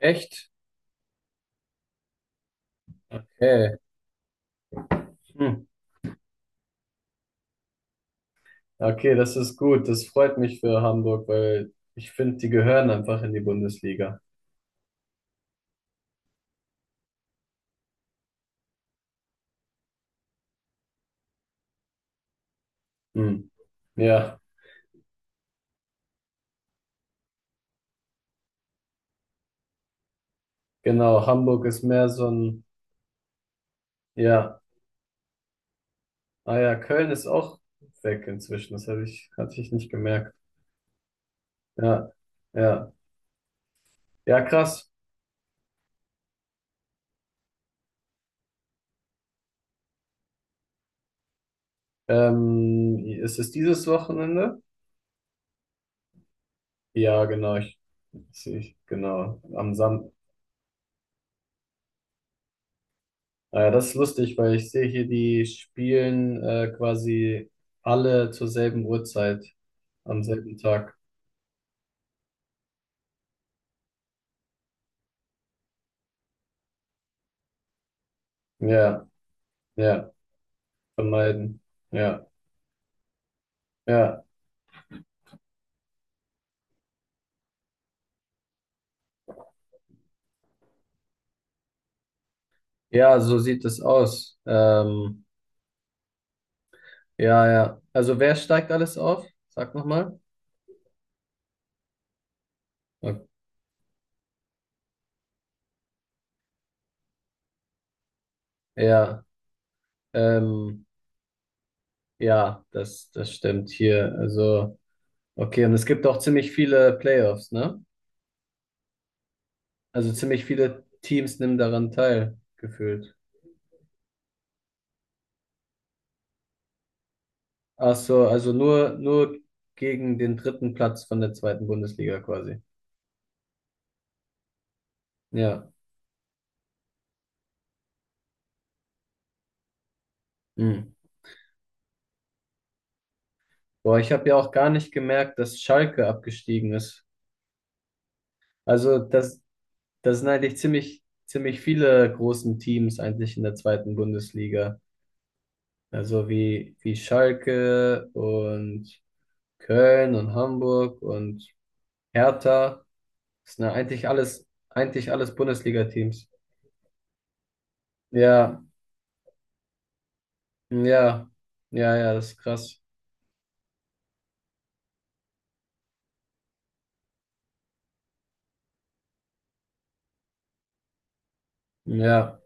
Echt? Okay. Hm. Okay, das ist gut. Das freut mich für Hamburg, weil ich finde, die gehören einfach in die Bundesliga. Hm. Ja, genau. Hamburg ist mehr so ein, ja, ah ja, Köln ist auch weg inzwischen. Das hatte ich nicht gemerkt. Ja, ja, ja, krass. Ist es dieses Wochenende? Ja, genau. Ich, genau. Am Sam Naja, das ist lustig, weil ich sehe hier, die spielen quasi alle zur selben Uhrzeit am selben Tag. Ja, ja, vermeiden. Ja, ja. Ja, so sieht es aus. Ja, ja. Also wer steigt alles auf? Sag nochmal. Ja, ähm, ja, das stimmt hier. Also, okay, und es gibt auch ziemlich viele Playoffs, ne? Also ziemlich viele Teams nehmen daran teil, gefühlt. Ach so, also nur gegen den dritten Platz von der zweiten Bundesliga quasi. Ja. Hm. Boah, ich habe ja auch gar nicht gemerkt, dass Schalke abgestiegen ist. Also das sind eigentlich ziemlich viele großen Teams eigentlich in der zweiten Bundesliga. Also wie Schalke und Köln und Hamburg und Hertha. Das sind ja eigentlich alles Bundesliga-Teams. Ja, ja, ja, ja, das ist krass. Ja.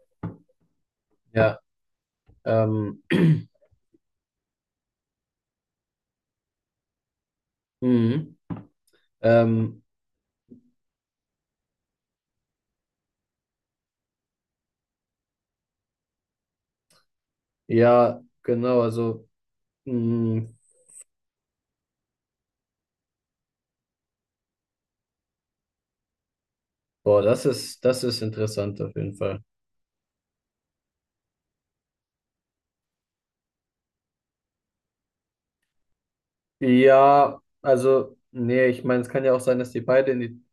Ja, Ähm, mhm. ähm, ja, genau, also, mh, boah, das ist interessant auf jeden Fall. Ja, also, nee, ich meine, es kann ja auch sein, dass die beide in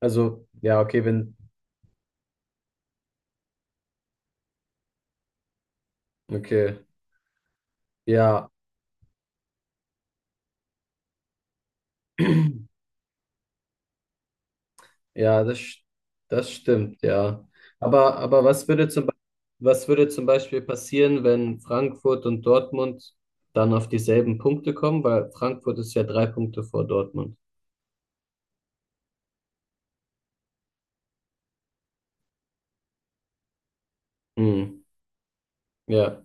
also, ja, okay, wenn, okay, ja, ja, das stimmt, ja. Aber was würde was würde zum Beispiel passieren, wenn Frankfurt und Dortmund dann auf dieselben Punkte kommen? Weil Frankfurt ist ja drei Punkte vor Dortmund. Mhm. Ja.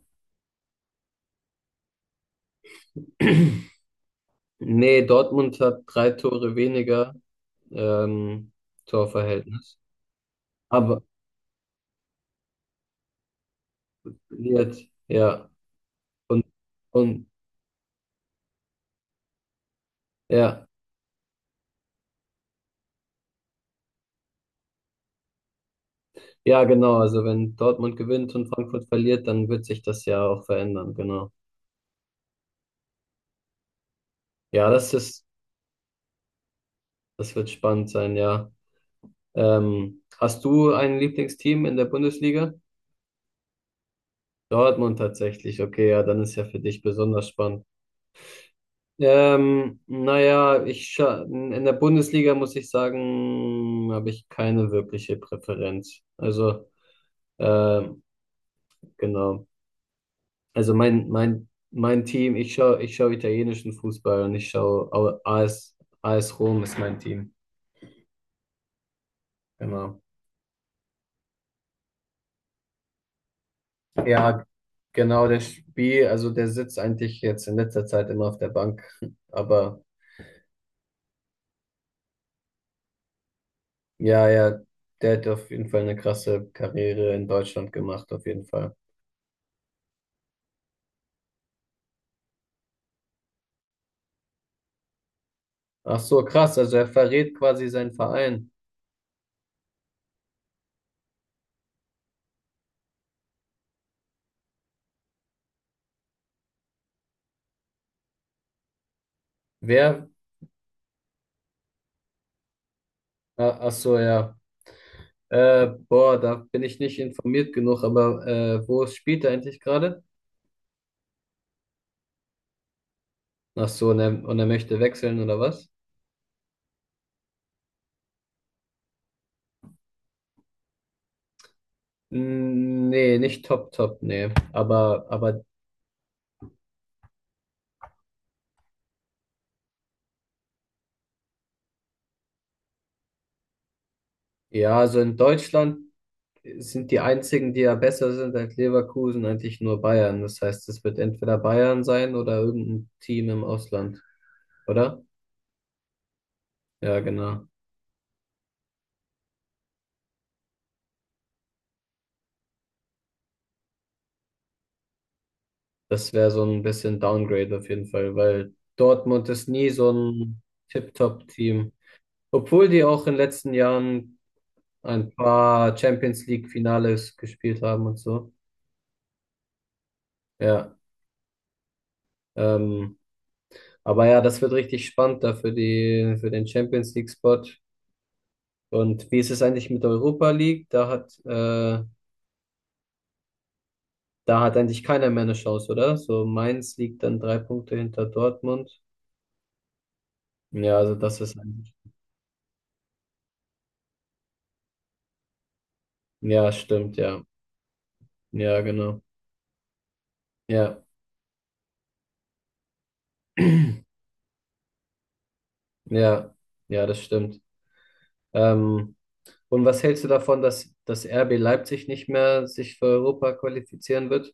Nee, Dortmund hat drei Tore weniger ähm, Torverhältnis. Aber jetzt, ja. Und, und ja, ja, genau. Also wenn Dortmund gewinnt und Frankfurt verliert, dann wird sich das ja auch verändern, genau. Ja, das wird spannend sein, ja. Hast du ein Lieblingsteam in der Bundesliga? Dortmund tatsächlich, okay, ja, dann ist ja für dich besonders spannend. Naja, in der Bundesliga muss ich sagen, habe ich keine wirkliche Präferenz. Also, ähm, genau. Also mein Team, ich schaue italienischen Fußball und ich schaue AS, AS Rom ist mein Team. Genau. Ja, genau, der Spiel, also der sitzt eigentlich jetzt in letzter Zeit immer auf der Bank. Aber ja, ja, der hat auf jeden Fall eine krasse Karriere in Deutschland gemacht, auf jeden Fall. Ach so, krass. Also er verrät quasi seinen Verein. Wer? Ach so, ja. Boah, da bin ich nicht informiert genug, aber wo spielt er eigentlich gerade? Ach so, und und er möchte wechseln oder was? Mm, nee, nicht top, top, nee. Aber ja, also in Deutschland sind die einzigen, die ja besser sind als Leverkusen, eigentlich nur Bayern. Das heißt, es wird entweder Bayern sein oder irgendein Team im Ausland, oder? Ja, genau. Das wäre so ein bisschen Downgrade auf jeden Fall, weil Dortmund ist nie so ein Tip-Top-Team. Obwohl die auch in den letzten Jahren ein paar Champions League-Finales gespielt haben und so. Ja. Ähm, aber ja, das wird richtig spannend da für für den Champions League-Spot. Und wie ist es eigentlich mit der Europa League? Da da hat eigentlich keiner mehr eine Chance, oder? So Mainz liegt dann drei Punkte hinter Dortmund. Ja, also das ist eigentlich. Ja, stimmt, ja. Ja, genau. Ja. Ja, ja, das stimmt. Ähm, und was hältst du davon, dass das RB Leipzig nicht mehr sich für Europa qualifizieren wird?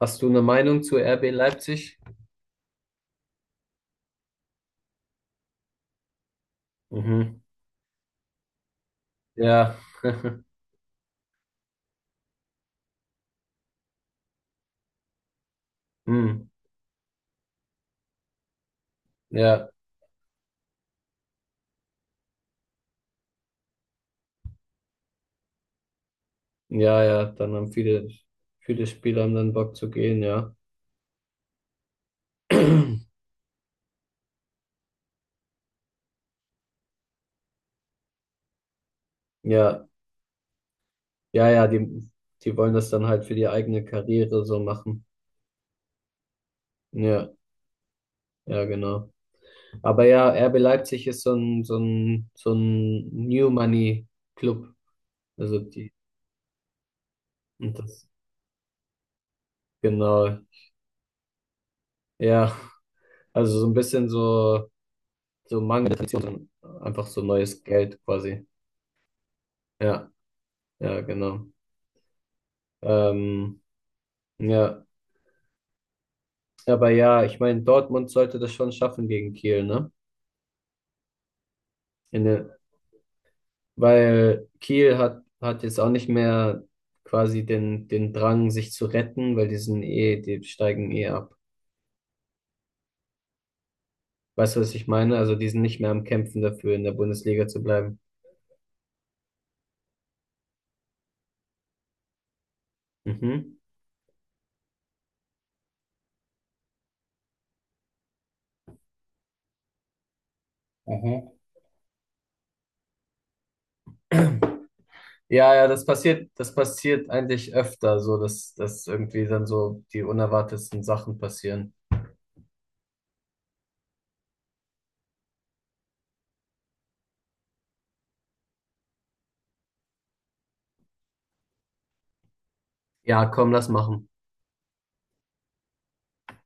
Hast du eine Meinung zu RB Leipzig? Mhm. Ja. Hm. Ja, ja, ja. Dann haben viele Spieler haben dann Bock zu gehen, ja. Ja, ja, ja. Die wollen das dann halt für die eigene Karriere so machen. Ja, ja, genau. Aber ja, RB Leipzig ist so ein, so ein, so ein New Money Club. Also und das, genau. Ja, also so ein bisschen so, so mangelnde Tradition, einfach so neues Geld quasi. Ja, ja, genau. Ähm, ja, aber ja, ich meine, Dortmund sollte das schon schaffen gegen Kiel, ne? In weil Kiel hat jetzt auch nicht mehr quasi den Drang, sich zu retten, weil die sind eh, die steigen eh ab. Weißt du, was ich meine? Also die sind nicht mehr am Kämpfen dafür, in der Bundesliga zu bleiben. Mhm. Mhm. Ja, ja, das passiert eigentlich öfter, so dass irgendwie dann so die unerwartetsten Sachen passieren. Ja, komm, lass machen.